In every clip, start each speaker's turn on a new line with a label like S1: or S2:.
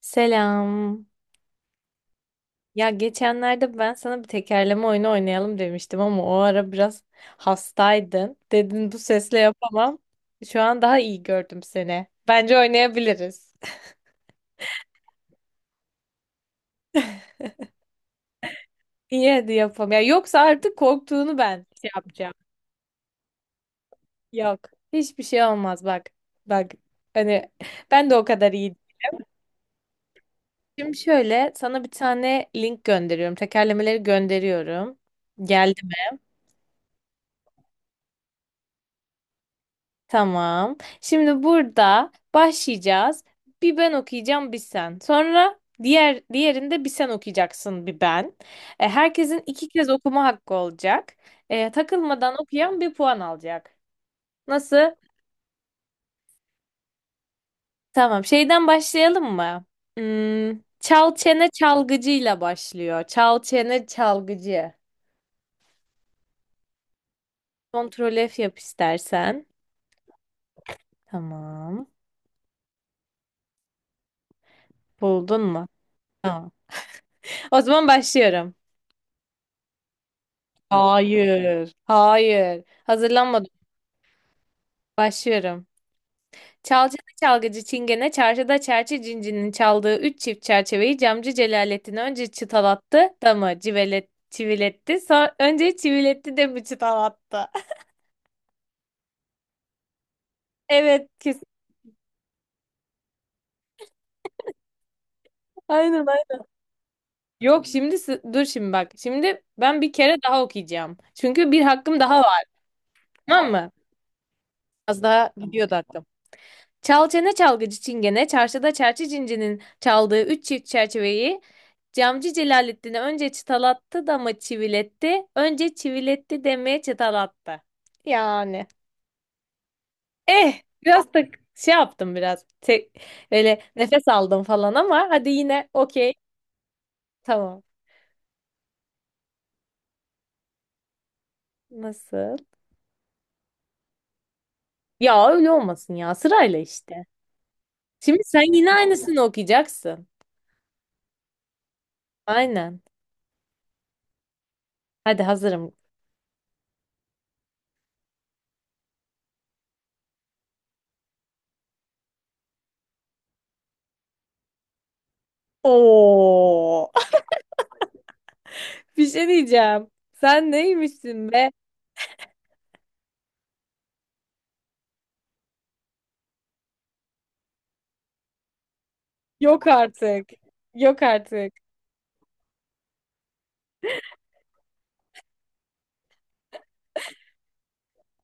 S1: Selam. Ya geçenlerde ben sana bir tekerleme oyunu oynayalım demiştim ama o ara biraz hastaydın. Dedin bu sesle yapamam. Şu an daha iyi gördüm seni. Bence oynayabiliriz. İyi hadi yapalım. Ya yoksa artık korktuğunu ben şey yapacağım. Yok. Hiçbir şey olmaz bak. Bak hani ben de o kadar iyi. Şimdi şöyle sana bir tane link gönderiyorum. Tekerlemeleri gönderiyorum. Tamam. Şimdi burada başlayacağız. Bir ben okuyacağım, bir sen. Sonra diğerinde bir sen okuyacaksın, bir ben. E, herkesin iki kez okuma hakkı olacak. E, takılmadan okuyan bir puan alacak. Nasıl? Tamam. Şeyden başlayalım mı? Çal çene çalgıcıyla başlıyor. Çal çene çalgıcı. Kontrol F yap istersen. Tamam. Buldun mu? Tamam. O zaman başlıyorum. Hayır. Hayır. Hazırlanmadım. Başlıyorum. Çalcıda çalgıcı çingene, çarşıda çerçe cincinin çaldığı üç çift çerçeveyi camcı Celalettin önce çıtalattı da mı civelet, çiviletti. Sonra önce çiviletti de mi çıtalattı? Evet kesin. Aynen aynen. Yok şimdi dur şimdi bak. Şimdi ben bir kere daha okuyacağım. Çünkü bir hakkım daha var. Tamam mı? Az daha gidiyordu hakkım. Çal çene çalgıcı çingene, çarşıda çerçi cincinin çaldığı üç çift çerçeveyi camcı Celalettin'e önce çıtalattı da mı çiviletti, önce çiviletti demeye çıtalattı. Yani. Eh, biraz da şey yaptım biraz. Böyle nefes aldım falan ama hadi yine okey. Tamam. Nasıl? Ya öyle olmasın ya sırayla işte. Şimdi sen yine aynısını okuyacaksın. Aynen. Hadi hazırım. Oo. Bir şey diyeceğim. Sen neymişsin be? Yok artık. Yok artık.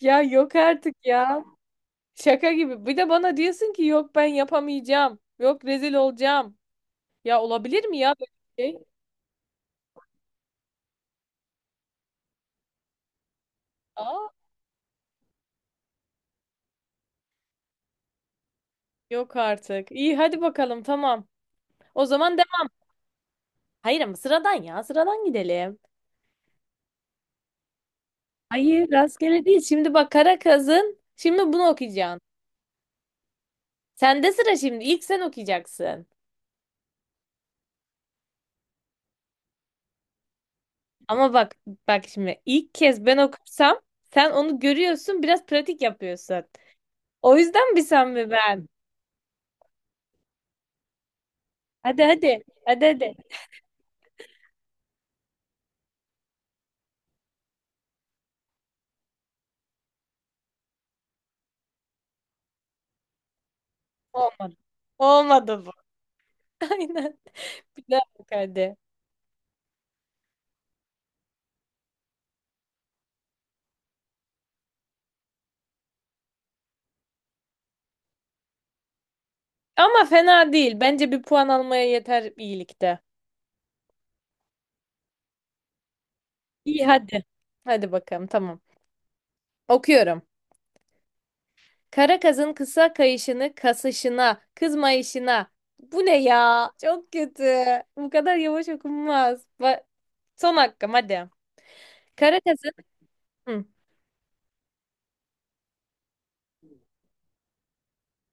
S1: Ya yok artık ya. Şaka gibi. Bir de bana diyorsun ki yok ben yapamayacağım. Yok rezil olacağım. Ya olabilir mi ya böyle bir şey? Aa, yok artık. İyi hadi bakalım tamam. O zaman devam. Hayır ama sıradan ya sıradan gidelim. Hayır rastgele değil. Şimdi bak Karakaz'ın şimdi bunu okuyacaksın. Sende sıra şimdi. İlk sen okuyacaksın. Ama bak bak şimdi ilk kez ben okursam sen onu görüyorsun biraz pratik yapıyorsun. O yüzden mi sen mi ben? Hadi hadi hadi hadi. Olmadı. Olmadı bu. Aynen. Bir daha bak hadi. Ama fena değil. Bence bir puan almaya yeter iyilikte. İyi hadi. Hadi bakalım tamam. Okuyorum. Kara kazın kısa kayışını kasışına, kızmayışına. Bu ne ya? Çok kötü. Bu kadar yavaş okunmaz. Bak, son hakkım hadi. Kara kazın Hı,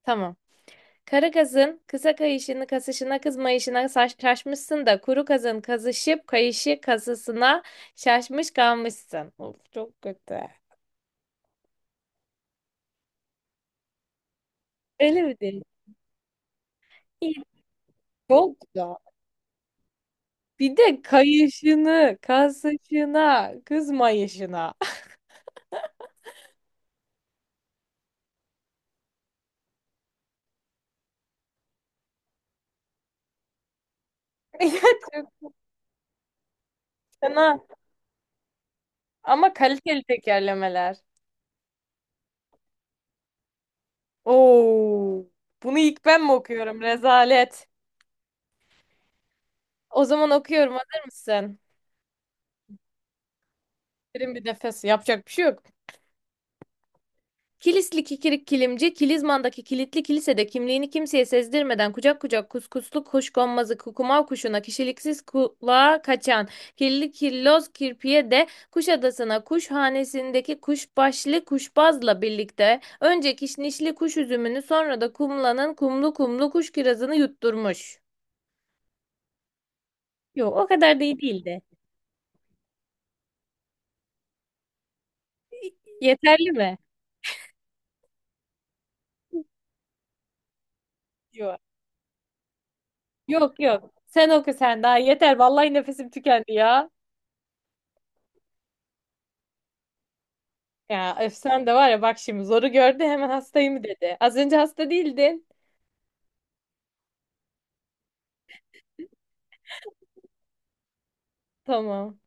S1: tamam. Kara kazın kısa kayışını kasışına kızmayışına saç şaşmışsın da kuru kazın kazışıp kayışı kasısına şaşmış kalmışsın. Of çok kötü. Öyle mi değil? Çok da. Bir de kayışını, kasışına, kızmayışına. Ya çok fena. Ama kaliteli tekerlemeler. Oo, bunu ilk ben mi okuyorum? Rezalet. O zaman okuyorum. Hazır mısın? Derin bir nefes. Yapacak bir şey yok. Kilisli kikirik kilimci, Kilizman'daki kilitli kilisede kimliğini kimseye sezdirmeden kucak kucak kuskuslu kuşkonmazı kukumav kuşuna kişiliksiz kulağa kaçan kirli kirloz kirpiye de Kuşadası'na kuşhanesindeki kuşbaşlı kuşbazla birlikte önce kişnişli kuş üzümünü sonra da kumlanın kumlu kumlu kuş kirazını yutturmuş. Yok o kadar da iyi değildi. Yeterli mi? Yok. Yok yok. Sen oku sen daha yeter. Vallahi nefesim tükendi ya. Ya öf sen de var ya bak şimdi zoru gördü hemen hastayım dedi. Az önce hasta değildin. Tamam.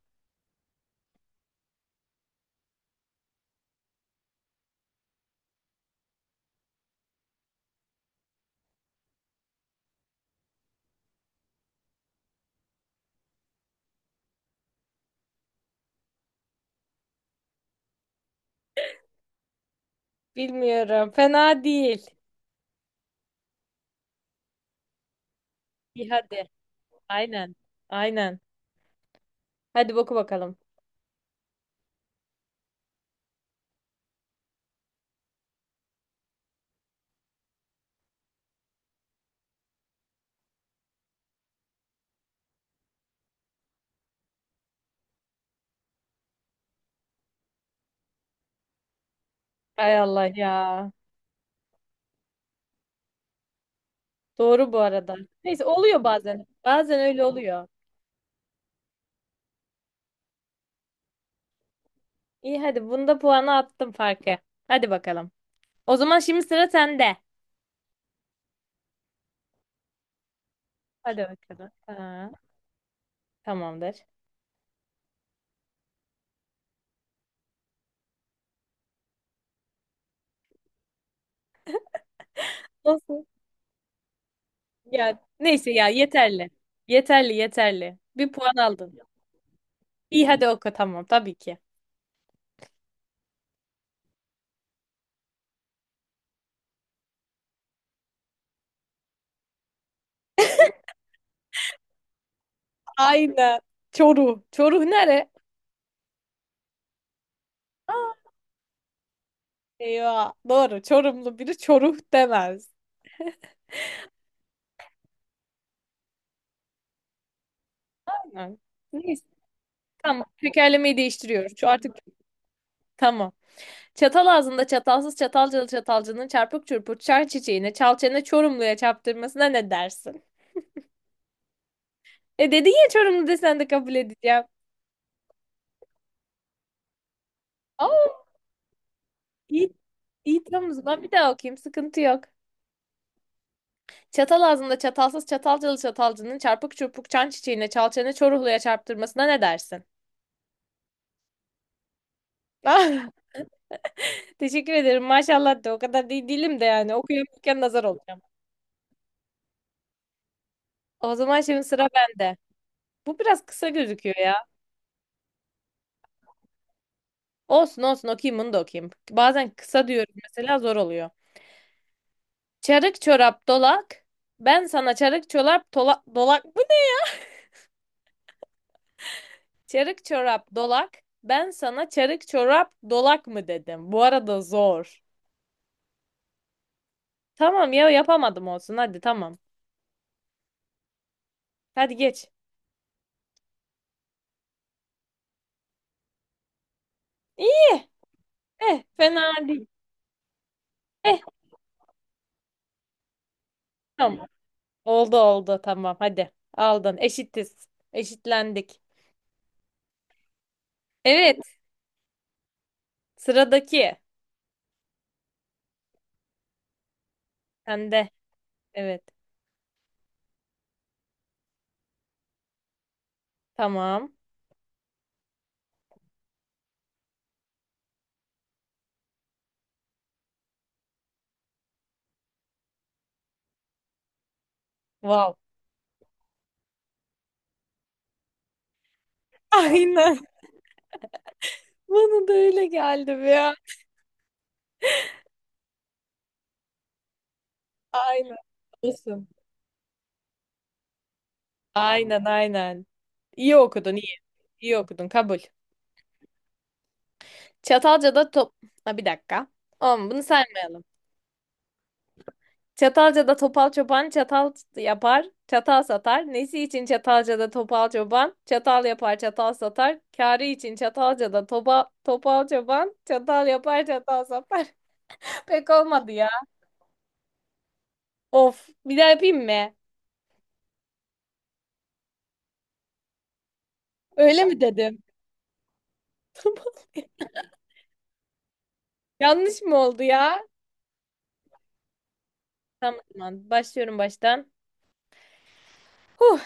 S1: Bilmiyorum. Fena değil. İyi hadi. Aynen. Aynen. Hadi boku bakalım. Ay Allah ya. Doğru bu arada. Neyse oluyor bazen. Bazen öyle oluyor. İyi hadi bunda puanı attım farkı. Hadi bakalım. O zaman şimdi sıra sende. Hadi bakalım. Ha, tamamdır. Nasıl? Ya neyse ya yeterli. Yeterli yeterli. Bir puan aldın. İyi hadi oku tamam tabii ki. Aynen. Çoruh. Çoruh nere? Aa, eyvah. Doğru. Çorumlu biri çoruh demez. Aynen. Neyse tamam tekerlemeyi değiştiriyoruz. Şu artık tamam. Çatal ağzında çatalsız çatalcalı çatalcının çarpık çırpık çar çiçeğine çalçene Çorumlu'ya çarptırmasına ne dersin? E dedin ya Çorumlu desen de kabul edeceğim. Aa, iyi, iyi tamam o zaman bir daha okuyayım sıkıntı yok. Çatal ağzında çatalsız çatalcalı çatalcının çarpık çırpık çan çiçeğine çalçene Çorumlu'ya çarptırmasına ne dersin? Teşekkür ederim. Maşallah de o kadar değil değilim de yani okuyamıyorken nazar olacağım. O zaman şimdi sıra bende. Bu biraz kısa gözüküyor ya. Olsun olsun okuyayım bunu da okuyayım. Bazen kısa diyorum mesela zor oluyor. Çarık çorap dolak. Ben sana çarık çorap dolak Çarık çorap dolak. Ben sana çarık çorap dolak mı dedim. Bu arada zor. Tamam ya yapamadım olsun hadi tamam. Hadi geç. İyi. Eh fena değil. Eh tamam. Oldu oldu tamam hadi. Aldın. Eşitiz. Eşitlendik. Evet. Sıradaki. Sende. Evet. Tamam. Wow. Aynen. Bana da öyle geldi ya. Aynen. Olsun. Aynen aynen. İyi okudun iyi. İyi okudun kabul. Çatalca'da top... Ha, bir dakika. Oğlum bunu saymayalım. Çatalca'da topal çoban çatal yapar, çatal satar. Nesi için Çatalca'da topal çoban? Çatal yapar, çatal satar. Kârı için Çatalca'da topal çoban çatal yapar, çatal satar. Pek olmadı ya. Of, bir daha yapayım mı? Öyle mi dedim? Yanlış mı oldu ya? Tamam, tamam, başlıyorum baştan. Huh.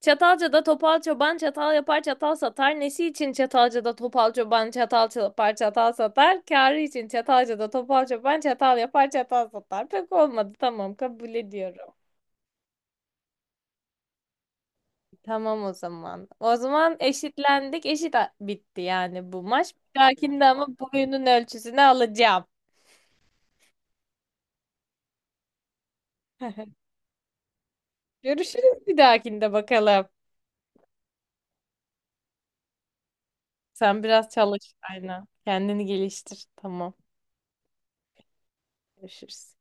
S1: Çatalca'da topal çoban çatal yapar çatal satar. Nesi için Çatalca'da topal çoban çatal yapar çatal satar. Kârı için Çatalca'da topal çoban çatal yapar çatal satar. Pek olmadı tamam kabul ediyorum. Tamam o zaman. O zaman eşitlendik. Bitti yani bu maç. Bir dahakinde ama boyunun ölçüsünü alacağım. Görüşürüz bir dahakinde bakalım. Sen biraz çalış aynen. Kendini geliştir. Tamam. Görüşürüz.